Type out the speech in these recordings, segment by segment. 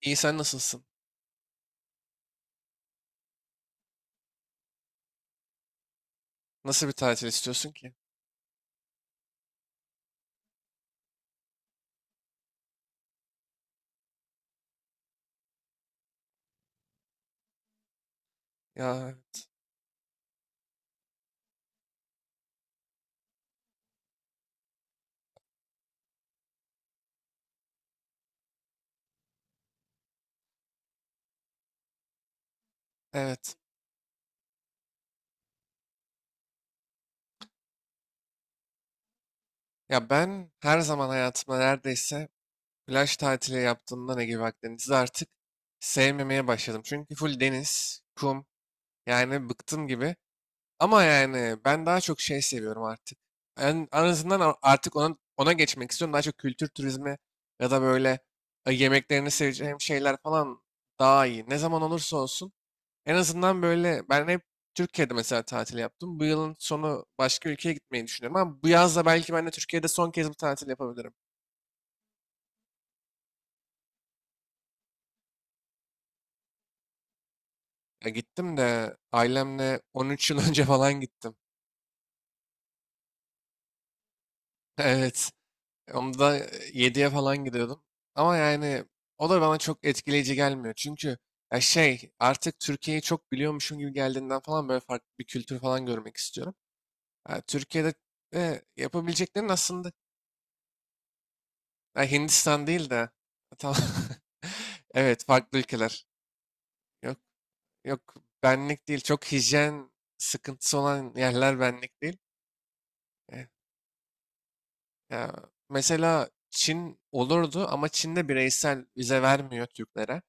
İyi, sen nasılsın? Nasıl bir tatil istiyorsun ki? Ya, evet. Ya ben her zaman hayatımda neredeyse plaj tatili yaptığımda ne gibi Akdeniz'i artık sevmemeye başladım. Çünkü full deniz, kum, yani bıktım gibi. Ama yani ben daha çok şey seviyorum artık. En azından artık ona geçmek istiyorum. Daha çok kültür turizmi ya da böyle yemeklerini seveceğim şeyler falan daha iyi. Ne zaman olursa olsun. En azından böyle ben hep Türkiye'de mesela tatil yaptım. Bu yılın sonu başka ülkeye gitmeyi düşünüyorum ama bu yaz da belki ben de Türkiye'de son kez bir tatil yapabilirim. Ya gittim de ailemle 13 yıl önce falan gittim. Evet. Onda yediye falan gidiyordum. Ama yani o da bana çok etkileyici gelmiyor. Çünkü ya şey, artık Türkiye'yi çok biliyormuşum gibi geldiğinden falan böyle farklı bir kültür falan görmek istiyorum. Ya Türkiye'de yapabileceklerin aslında. Ha, Hindistan değil de. Ha, tamam. Evet, farklı ülkeler. Yok, yok, benlik değil. Çok hijyen sıkıntısı olan yerler benlik değil. E, Ya, mesela Çin olurdu ama Çin'de bireysel vize vermiyor Türklere.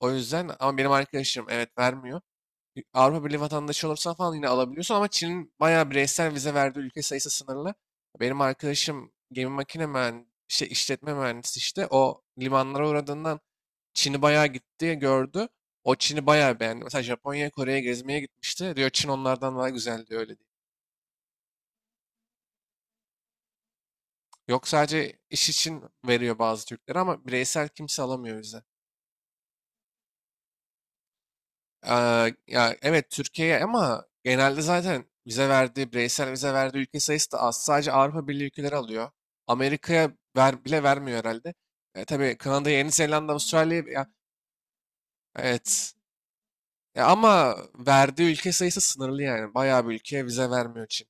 O yüzden. Ama benim arkadaşım, evet, vermiyor. Avrupa Birliği vatandaşı olursan falan yine alabiliyorsun ama Çin'in bayağı bireysel vize verdiği ülke sayısı sınırlı. Benim arkadaşım gemi makine mühendisi, şey, işletme mühendisi, işte o limanlara uğradığından Çin'i bayağı gitti gördü. O Çin'i bayağı beğendi. Mesela Japonya'ya, Kore'ye gezmeye gitmişti. Diyor Çin onlardan daha güzel, diyor, öyle değil. Yok, sadece iş için veriyor bazı Türkleri, ama bireysel kimse alamıyor vize. Ya evet, Türkiye'ye, ama genelde zaten vize verdiği, bireysel vize verdiği ülke sayısı da az. Sadece Avrupa Birliği ülkeleri alıyor. Amerika'ya bile vermiyor herhalde. Tabii Kanada, Yeni Zelanda, Avustralya ya, evet. Ya ama verdiği ülke sayısı sınırlı yani. Bayağı bir ülkeye vize vermiyor için.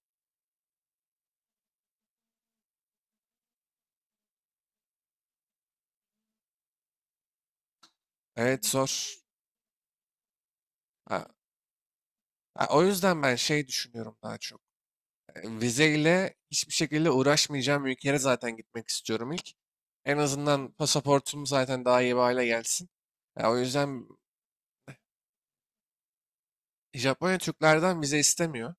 Evet, zor. Ha, ha, o yüzden ben şey düşünüyorum daha çok. Vizeyle hiçbir şekilde uğraşmayacağım ülkelere zaten gitmek istiyorum ilk. En azından pasaportum zaten daha iyi bir hale gelsin. Ya o yüzden Japonya Türklerden vize istemiyor.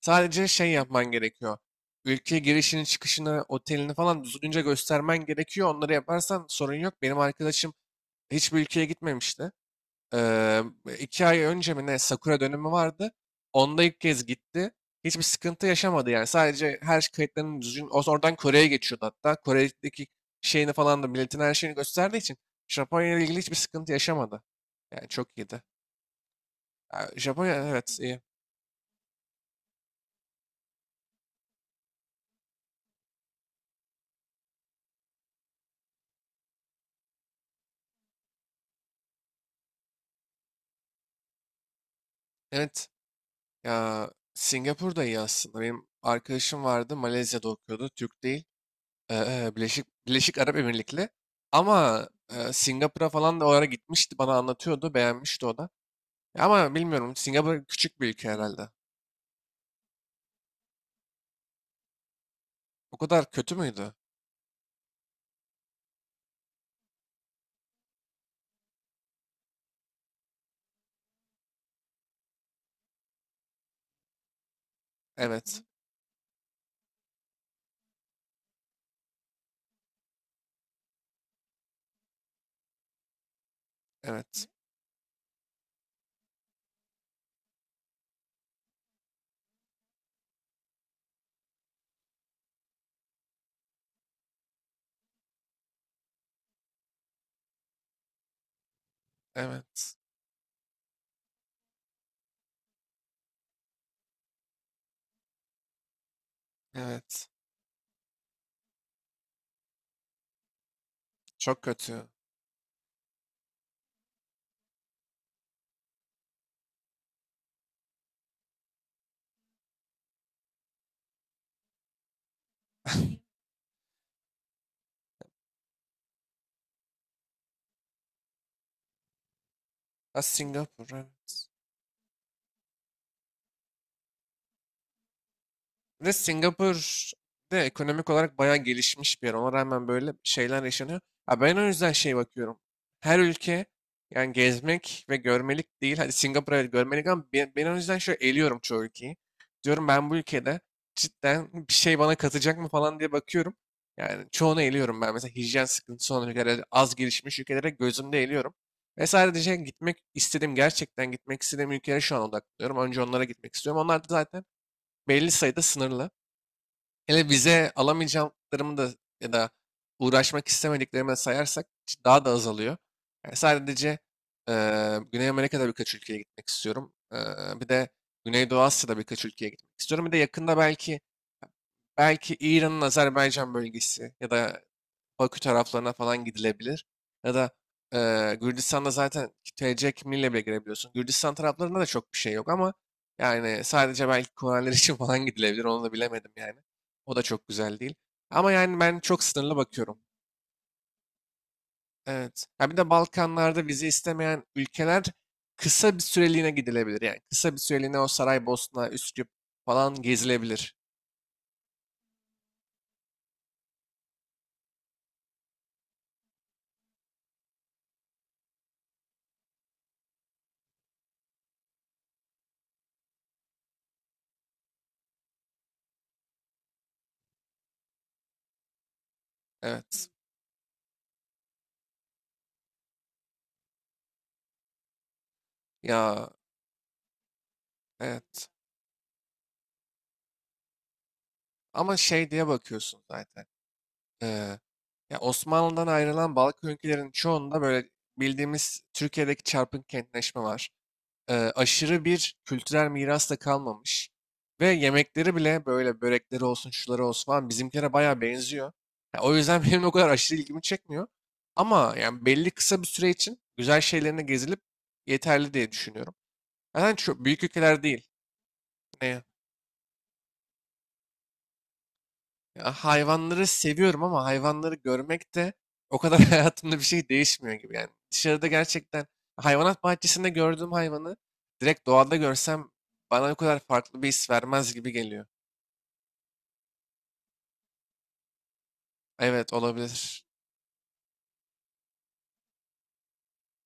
Sadece şey yapman gerekiyor. Ülkeye girişini, çıkışını, otelini falan düzgünce göstermen gerekiyor. Onları yaparsan sorun yok. Benim arkadaşım hiçbir ülkeye gitmemişti. Eee, 2 ay önce mi ne, Sakura dönemi vardı. Onda ilk kez gitti. Hiçbir sıkıntı yaşamadı yani. Sadece her şey, kayıtlarını düzgün. Oradan Kore'ye geçiyordu hatta. Kore'deki şeyini falan da milletin, her şeyini gösterdiği için Japonya ile ilgili hiçbir sıkıntı yaşamadı. Yani çok iyiydi. Ya, Japonya, evet, iyi. Evet, ya Singapur da iyi aslında. Benim arkadaşım vardı, Malezya'da okuyordu. Türk değil. Birleşik Arap Emirlikli. Ama Singapur'a falan da o ara gitmişti. Bana anlatıyordu. Beğenmişti o da. Ama bilmiyorum, Singapur küçük bir ülke herhalde. O kadar kötü müydü? Evet. Evet. Evet. Evet. Çok kötü. Ha, Singapur, evet. Bir de Singapur de ekonomik olarak bayağı gelişmiş bir yer. Ona rağmen böyle şeyler yaşanıyor. Ha, ben o yüzden şey bakıyorum. Her ülke yani gezmek ve görmelik değil. Hadi Singapur, evet, görmelik, ama ben o yüzden şöyle eliyorum çoğu ülkeyi. Diyorum ben bu ülkede cidden bir şey bana katacak mı falan diye bakıyorum. Yani çoğunu eliyorum ben. Mesela hijyen sıkıntısı olan ülkelere, az gelişmiş ülkelere gözümde eliyorum. Ve sadece gitmek istediğim, gerçekten gitmek istediğim ülkelere şu an odaklanıyorum. Önce onlara gitmek istiyorum. Onlar da zaten belli sayıda sınırlı. Hele vize alamayacaklarımı da, ya da uğraşmak istemediklerimi de sayarsak daha da azalıyor. Yani sadece Güney Amerika'da birkaç ülkeye gitmek istiyorum. Bir de Güneydoğu Asya'da birkaç ülkeye gitmek istiyorum. Bir de yakında belki İran'ın Azerbaycan bölgesi ya da Bakü taraflarına falan gidilebilir. Ya da Gürcistan'da zaten TC kimliğiyle bile girebiliyorsun. Gürcistan taraflarında da çok bir şey yok ama yani sadece belki kurallar için falan gidilebilir. Onu da bilemedim yani. O da çok güzel değil. Ama yani ben çok sınırlı bakıyorum. Evet. Ha, bir de Balkanlarda vize istemeyen ülkeler kısa bir süreliğine gidilebilir. Yani kısa bir süreliğine o Saraybosna, Üsküp falan gezilebilir. Evet. Ya, evet. Ama şey diye bakıyorsun zaten. Ee, ya Osmanlı'dan ayrılan Balkan ülkelerinin çoğunda böyle bildiğimiz Türkiye'deki çarpık kentleşme var. Aşırı bir kültürel miras da kalmamış. Ve yemekleri bile, böyle börekleri olsun, şuları olsun falan, bizimkilere bayağı benziyor. Ya o yüzden benim o kadar aşırı ilgimi çekmiyor. Ama yani belli kısa bir süre için güzel şeylerine gezilip yeterli diye düşünüyorum. Zaten çok büyük ülkeler değil. Ya hayvanları seviyorum ama hayvanları görmek de o kadar hayatımda bir şey değişmiyor gibi yani. Dışarıda gerçekten hayvanat bahçesinde gördüğüm hayvanı direkt doğada görsem bana o kadar farklı bir his vermez gibi geliyor. Evet, olabilir.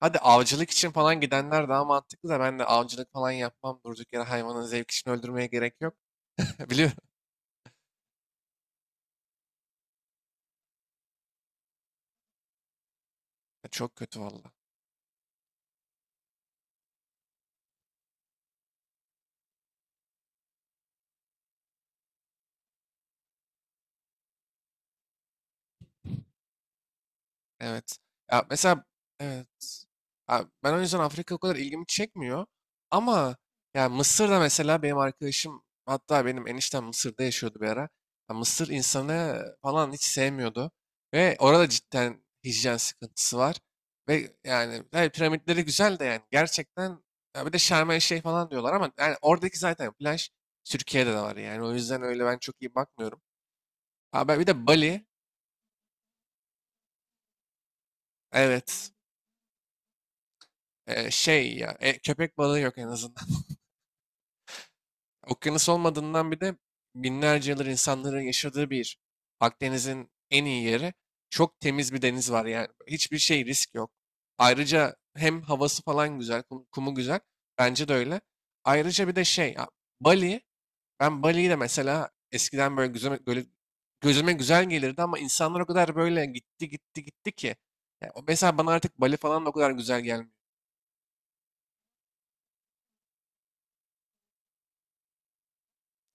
Hadi avcılık için falan gidenler daha mantıklı, da ben de avcılık falan yapmam. Durduk yere hayvanın zevk için öldürmeye gerek yok. Biliyorum. Çok kötü valla. Evet. Ya, mesela, evet. Ha, ben o yüzden Afrika o kadar ilgimi çekmiyor. Ama ya Mısır'da mesela, benim arkadaşım, hatta benim eniştem Mısır'da yaşıyordu bir ara. Ya Mısır insanı falan hiç sevmiyordu. Ve orada cidden hijyen sıkıntısı var. Ve yani tabii piramitleri güzel de, yani gerçekten ya bir de Şarm El Şeyh falan diyorlar ama yani oradaki zaten plaj Türkiye'de de var yani. O yüzden öyle ben çok iyi bakmıyorum. Abi, bir de Bali. Evet. Şey ya, köpek balığı yok en azından. Okyanus olmadığından, bir de binlerce yıldır insanların yaşadığı bir Akdeniz'in en iyi yeri. Çok temiz bir deniz var yani. Hiçbir şey, risk yok. Ayrıca hem havası falan güzel, kumu güzel. Bence de öyle. Ayrıca bir de şey ya, Bali. Ben Bali'yi de mesela eskiden böyle gözüme, böyle gözüme güzel gelirdi ama insanlar o kadar böyle gitti gitti gitti ki. Ya, mesela bana artık Bali falan da o kadar güzel gelmiyor.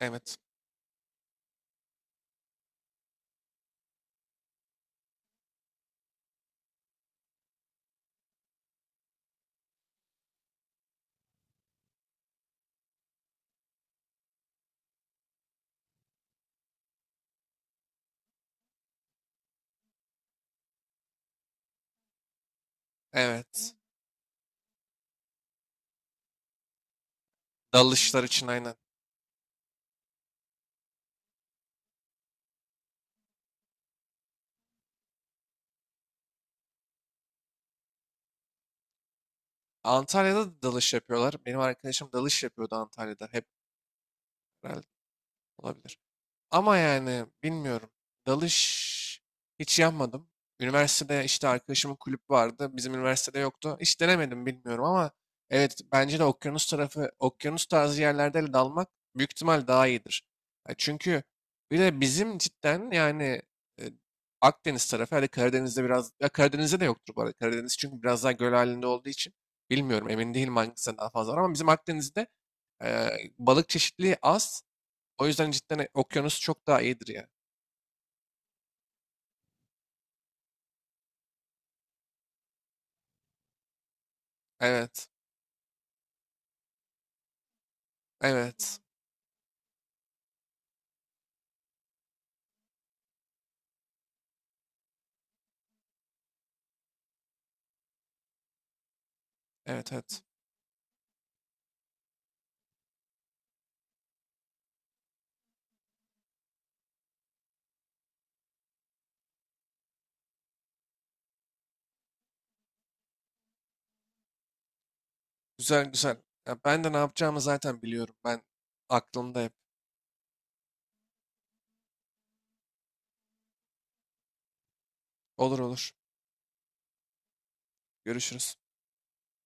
Evet. Evet. Dalışlar için, aynen. Antalya'da da dalış yapıyorlar. Benim arkadaşım dalış yapıyordu Antalya'da. Hep herhalde, olabilir. Ama yani bilmiyorum. Dalış hiç yapmadım. Üniversitede işte arkadaşımın kulüp vardı. Bizim üniversitede yoktu. Hiç denemedim, bilmiyorum, ama evet bence de okyanus tarafı, okyanus tarzı yerlerde dalmak büyük ihtimal daha iyidir. Ya çünkü bir de bizim cidden yani e, Akdeniz tarafı, hadi Karadeniz'de biraz, ya Karadeniz'de de yoktur bu arada. Karadeniz çünkü biraz daha göl halinde olduğu için bilmiyorum, emin değilim hangisi daha fazla var ama bizim Akdeniz'de e, balık çeşitliliği az. O yüzden cidden okyanus çok daha iyidir ya. Evet. Evet. Evet, evet. Güzel güzel. Ya ben de ne yapacağımı zaten biliyorum. Ben, aklımda hep. Olur, olur. Görüşürüz.